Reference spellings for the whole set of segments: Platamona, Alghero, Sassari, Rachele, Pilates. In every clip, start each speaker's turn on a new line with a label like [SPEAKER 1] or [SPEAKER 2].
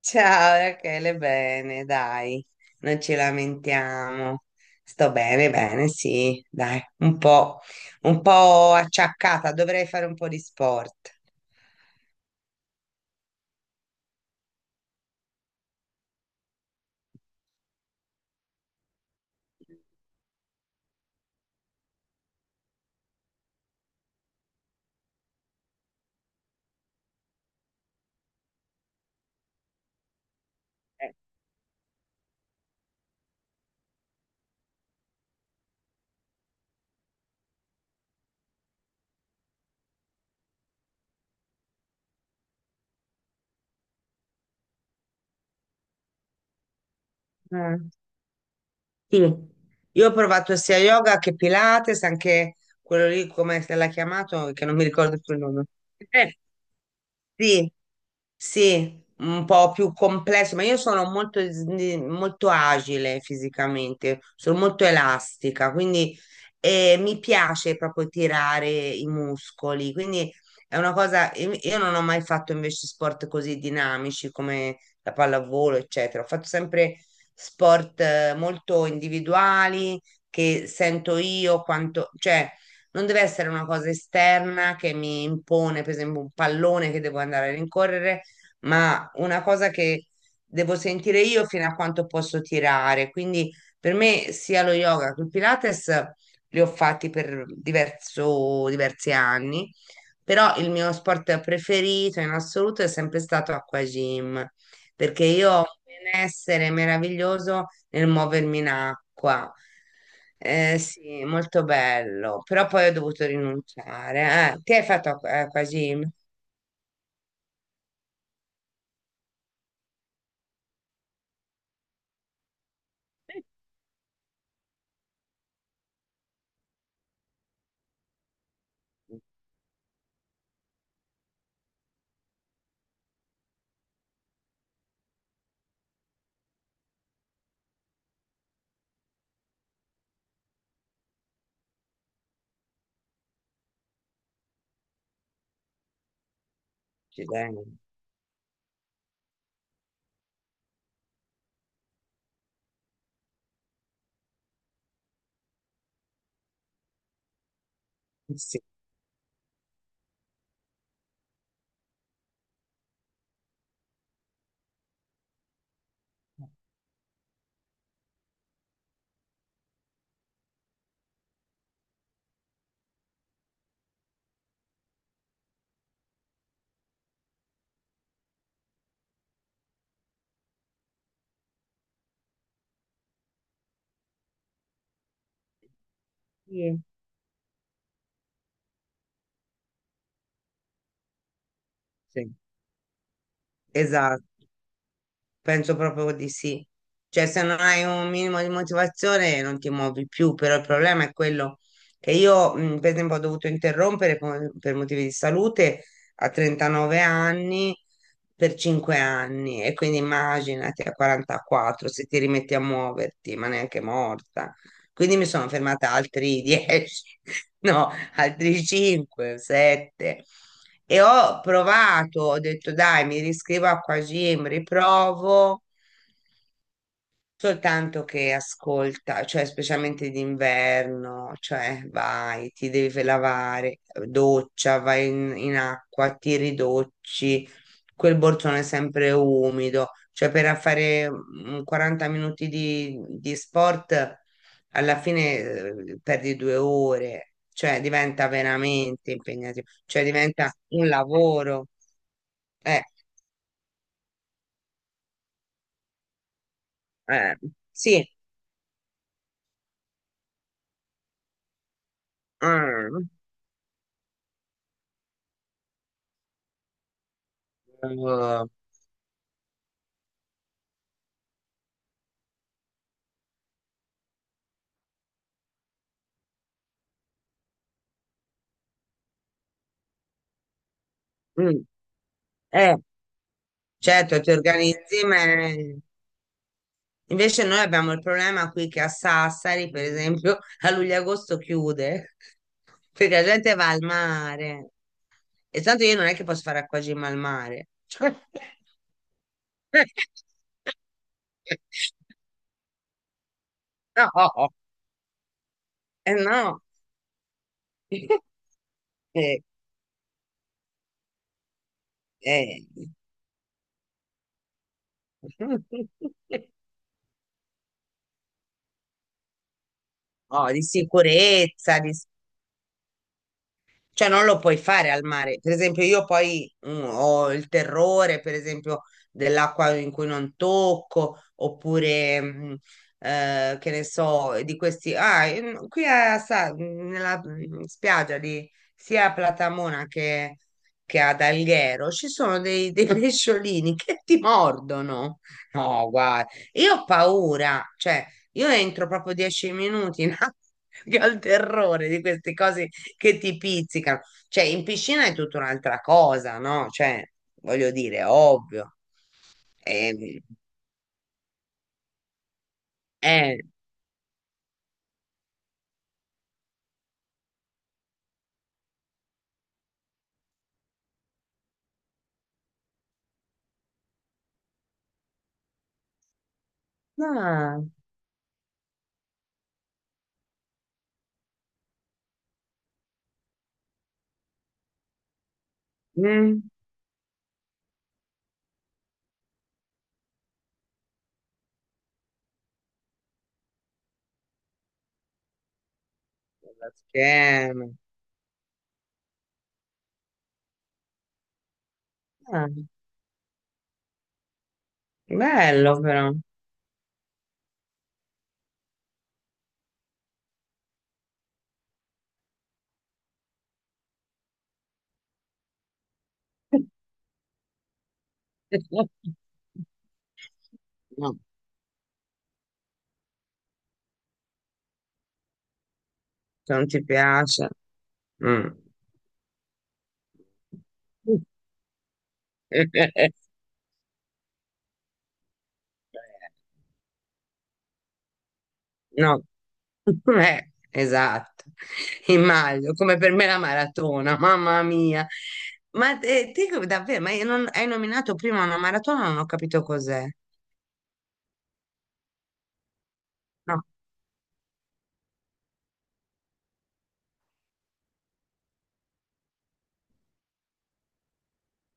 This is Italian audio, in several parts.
[SPEAKER 1] Ciao Rachele, bene, dai, non ci lamentiamo. Sto bene, bene, sì, dai, un po' acciaccata, dovrei fare un po' di sport. Mm, sì. Io ho provato sia yoga che Pilates, anche quello lì, come se l'ha chiamato, che non mi ricordo più il nome. Eh, sì, sì, un po' più complesso, ma io sono molto, molto agile fisicamente, sono molto elastica, quindi mi piace proprio tirare i muscoli, quindi è una cosa, io non ho mai fatto invece sport così dinamici come la pallavolo, eccetera, ho fatto sempre sport molto individuali che sento io quanto, cioè non deve essere una cosa esterna che mi impone, per esempio, un pallone che devo andare a rincorrere ma una cosa che devo sentire io fino a quanto posso tirare. Quindi per me sia lo yoga che il Pilates li ho fatti per diversi anni, però il mio sport preferito in assoluto è sempre stato acquagym, perché io ho un benessere meraviglioso nel muovermi in acqua. Sì, molto bello, però poi ho dovuto rinunciare. Ti hai fatto acquagym? Cileno. Sì, sì, esatto. Penso proprio di sì. Cioè, se non hai un minimo di motivazione non ti muovi più, però il problema è quello che io, per esempio, ho dovuto interrompere per motivi di salute a 39 anni per 5 anni e quindi immaginati a 44 se ti rimetti a muoverti, ma neanche morta. Quindi mi sono fermata altri 10, no, altri 5, 7. E ho provato, ho detto dai, mi riscrivo a Quagim, riprovo, soltanto che ascolta, cioè specialmente d'inverno, cioè vai, ti devi lavare, doccia, vai in acqua, ti ridocci, quel borsone è sempre umido, cioè per fare 40 minuti di sport alla fine perdi 2 ore, cioè diventa veramente impegnativo, cioè diventa un lavoro. Eh, eh, sì. Ah, eh, mm. Eh, certo, ti organizzi, ma invece noi abbiamo il problema qui che a Sassari, per esempio, a luglio-agosto chiude, perché la gente va al mare. E tanto io non è che posso fare acquagym al mare. Cioè, no, eh no. Eh, eh. No, di sicurezza, di. Cioè, non lo puoi fare al mare. Per esempio, io poi ho il terrore, per esempio, dell'acqua in cui non tocco, oppure, che ne so, di questi... Ah, qui a nella spiaggia di sia a Platamona che ad Alghero ci sono dei pesciolini che ti mordono. No, guarda, io ho paura, cioè, io entro proprio 10 minuti in acqua, che ho il terrore di queste cose che ti pizzicano. Cioè, in piscina è tutta un'altra cosa, no? Cioè, voglio dire, ovvio. Eh, eh, no, mm, la schiena. Ah, bello però. No, se non ti piace. Mm. No, esatto, immagino, come per me la maratona, mamma mia. Ma te davvero, ma io hai nominato prima una maratona, non ho capito cos'è. No.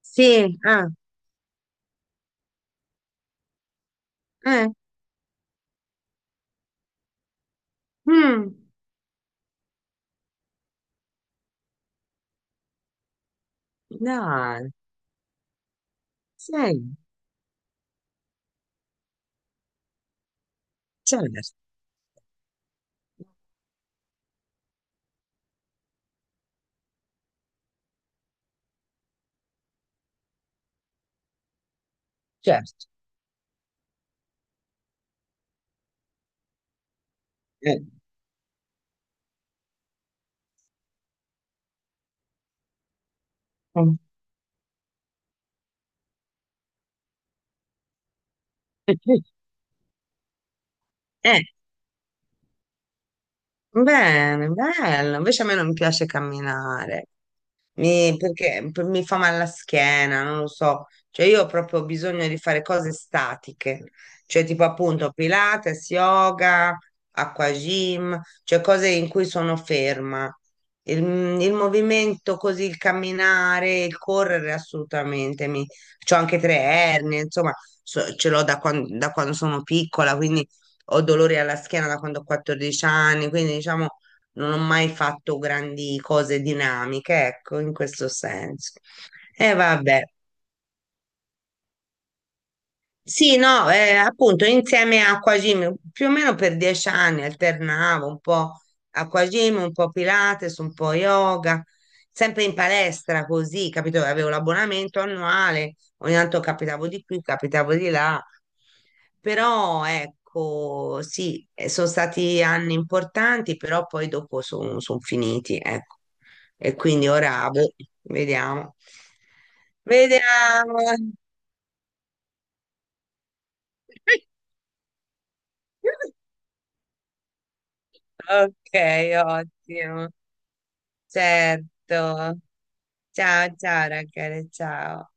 [SPEAKER 1] Sì, ah, eh, mm, dai, sì, certo, certo. Eh. Eh, bene, bello, invece a me non piace camminare. Perché mi fa male la schiena, non lo so. Cioè, io ho proprio bisogno di fare cose statiche, cioè tipo appunto Pilates, yoga, acqua gym, cioè cose in cui sono ferma. Il, il movimento così, il camminare, il correre assolutamente. C'ho anche tre ernie, insomma, ce l'ho da da quando sono piccola, quindi ho dolori alla schiena da quando ho 14 anni, quindi diciamo non ho mai fatto grandi cose dinamiche, ecco, in questo senso. E vabbè, sì, no, appunto insieme a Aquagym, più o meno per 10 anni alternavo un po' Aquagym, un po' Pilates, un po' yoga, sempre in palestra così, capito? Avevo l'abbonamento annuale, ogni tanto capitavo di qui, capitavo di là, però ecco, sì, sono stati anni importanti, però poi dopo sono finiti, ecco. E quindi ora, boh, vediamo. Vediamo. Ok, ottimo. Certo. Ciao, ciao ragazzi, ciao.